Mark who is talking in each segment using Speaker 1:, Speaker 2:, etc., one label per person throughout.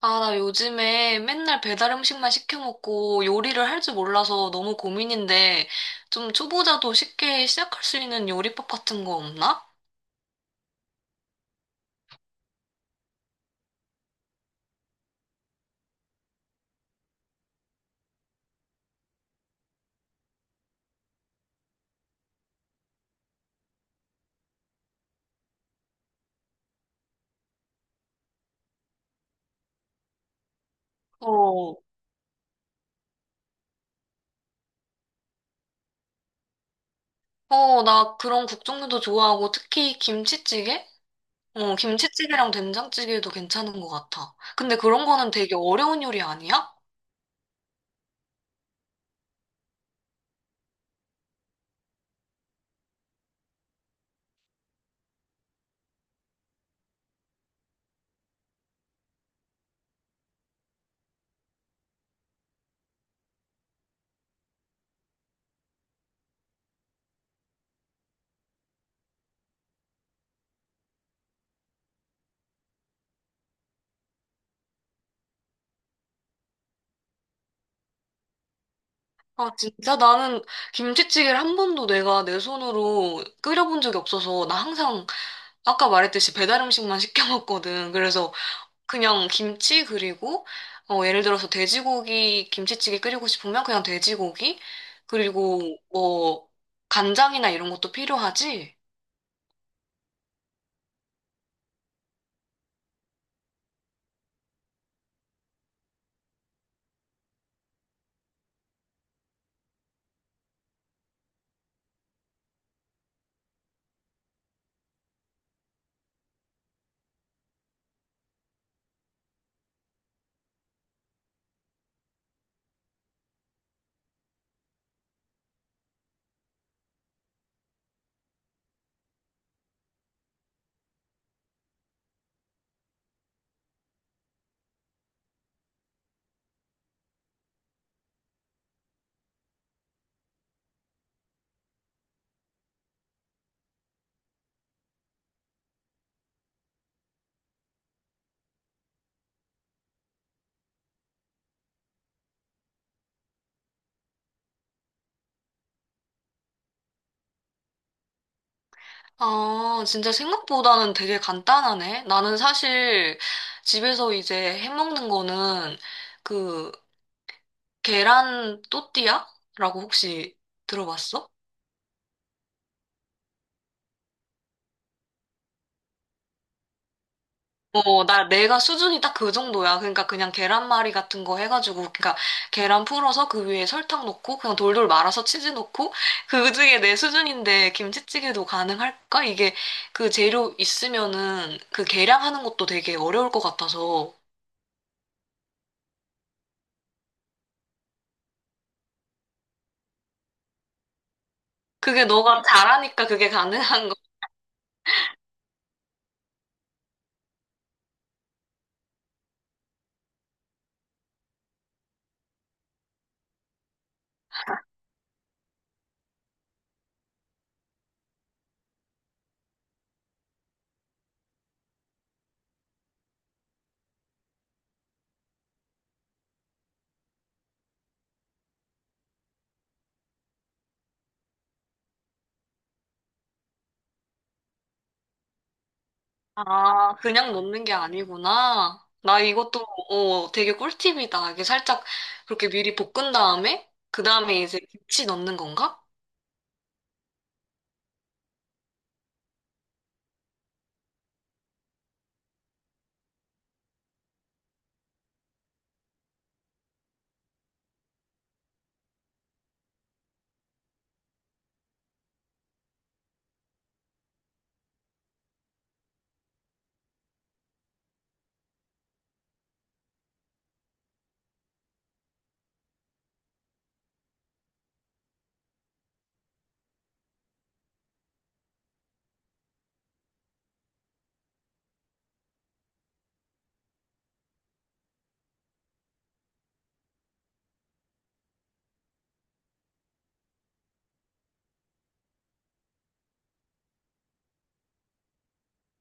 Speaker 1: 아, 나 요즘에 맨날 배달 음식만 시켜 먹고 요리를 할 줄 몰라서 너무 고민인데 좀 초보자도 쉽게 시작할 수 있는 요리법 같은 거 없나? 어, 어, 나 그런 국 종류도 좋아하고 특히 김치찌개? 어, 김치찌개랑 된장찌개도 괜찮은 것 같아. 근데 그런 거는 되게 어려운 요리 아니야? 아, 진짜 나는 김치찌개를 한 번도 내가 내 손으로 끓여본 적이 없어서 나 항상 아까 말했듯이 배달 음식만 시켜 먹거든. 그래서 그냥 김치 그리고 어, 예를 들어서 돼지고기 김치찌개 끓이고 싶으면 그냥 돼지고기 그리고 뭐 간장이나 이런 것도 필요하지? 아, 진짜 생각보다는 되게 간단하네. 나는 사실 집에서 이제 해 먹는 거는 그 계란 또띠아라고 혹시 들어봤어? 어, 내가 수준이 딱 그 정도야. 그러니까 그냥 계란말이 같은 거 해가지고, 그러니까 계란 풀어서 그 위에 설탕 넣고, 그냥 돌돌 말아서 치즈 넣고, 그 중에 내 수준인데 김치찌개도 가능할까? 이게 그 재료 있으면은 그 계량하는 것도 되게 어려울 것 같아서. 그게 너가 잘하니까 그게 가능한 거. 아, 그냥 넣는 게 아니구나. 나 이것도, 어, 되게 꿀팁이다. 이게 살짝 그렇게 미리 볶은 다음에, 그 다음에 이제 김치 넣는 건가?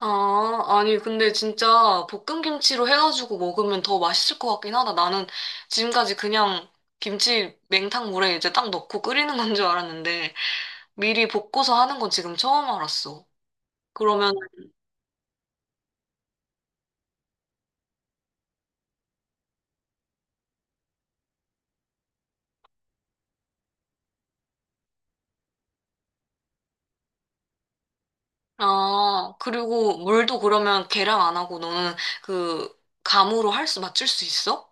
Speaker 1: 아, 아니, 근데 진짜 볶음김치로 해가지고 먹으면 더 맛있을 것 같긴 하다. 나는 지금까지 그냥 김치 냉탕물에 이제 딱 넣고 끓이는 건 줄 알았는데, 미리 볶고서 하는 건 지금 처음 알았어. 그러면, 아, 그리고 물도 그러면 계량 안 하고 너는 그 감으로 할 수, 맞출 수 있어?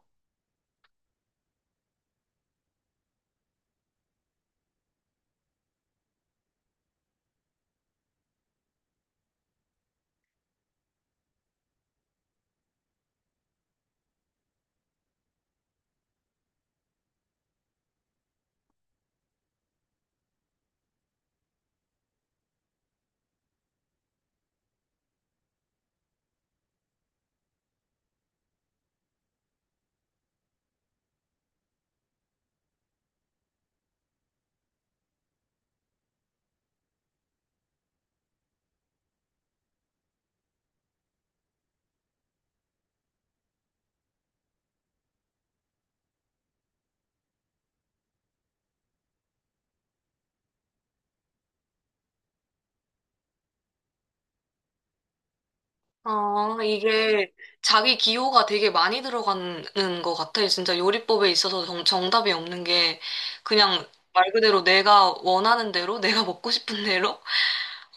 Speaker 1: 아, 이게 자기 기호가 되게 많이 들어가는 것 같아. 진짜 요리법에 있어서 정답이 없는 게 그냥 말 그대로 내가 원하는 대로, 내가 먹고 싶은 대로,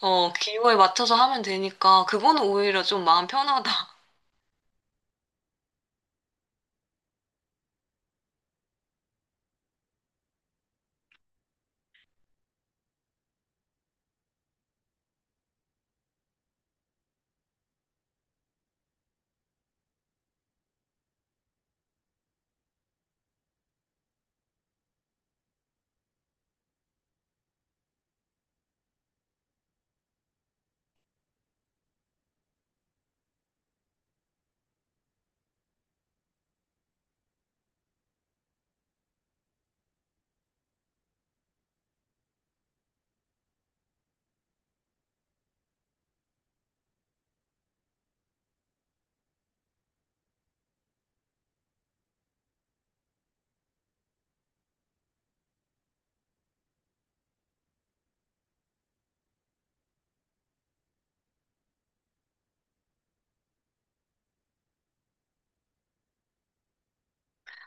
Speaker 1: 어, 기호에 맞춰서 하면 되니까 그거는 오히려 좀 마음 편하다.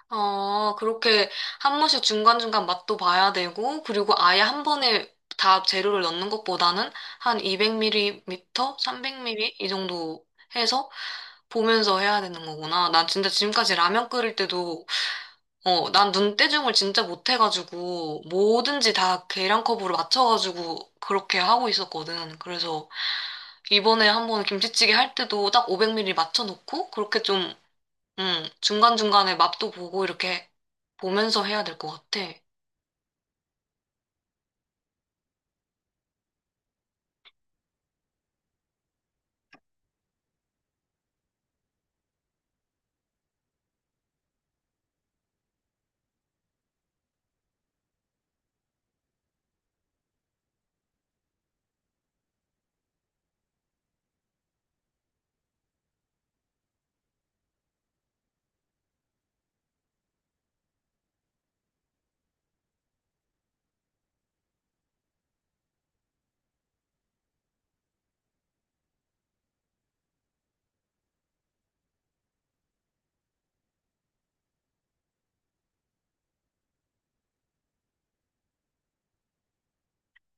Speaker 1: 어, 그렇게 한 번씩 중간중간 맛도 봐야 되고, 그리고 아예 한 번에 다 재료를 넣는 것보다는 한 200ml 300ml 이 정도 해서 보면서 해야 되는 거구나. 난 진짜 지금까지 라면 끓일 때도, 어, 난 눈대중을 진짜 못해가지고, 뭐든지 다 계량컵으로 맞춰가지고, 그렇게 하고 있었거든. 그래서, 이번에 한번 김치찌개 할 때도 딱 500ml 맞춰놓고, 그렇게 좀, 중간중간에 맛도 보고, 이렇게 보면서 해야 될 것 같아.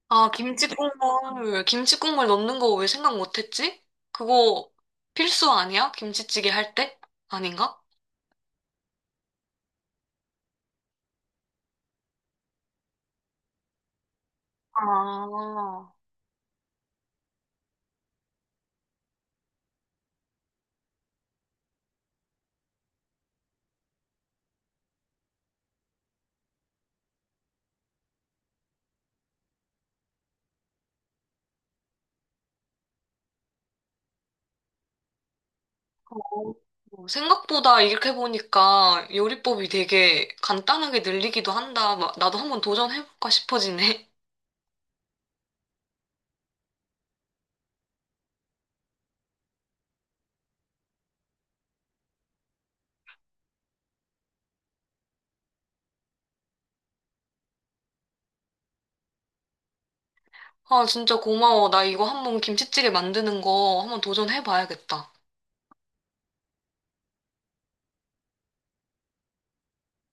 Speaker 1: 아, 김치 국물, 김치 국물 넣는 거 왜 생각 못했지? 그거 필수 아니야? 김치찌개 할 때? 아닌가? 아. 어, 생각보다 이렇게 보니까 요리법이 되게 간단하게 늘리기도 한다. 막 나도 한번 도전해볼까 싶어지네. 아, 진짜 고마워. 나 이거 한번 김치찌개 만드는 거 한번 도전해봐야겠다.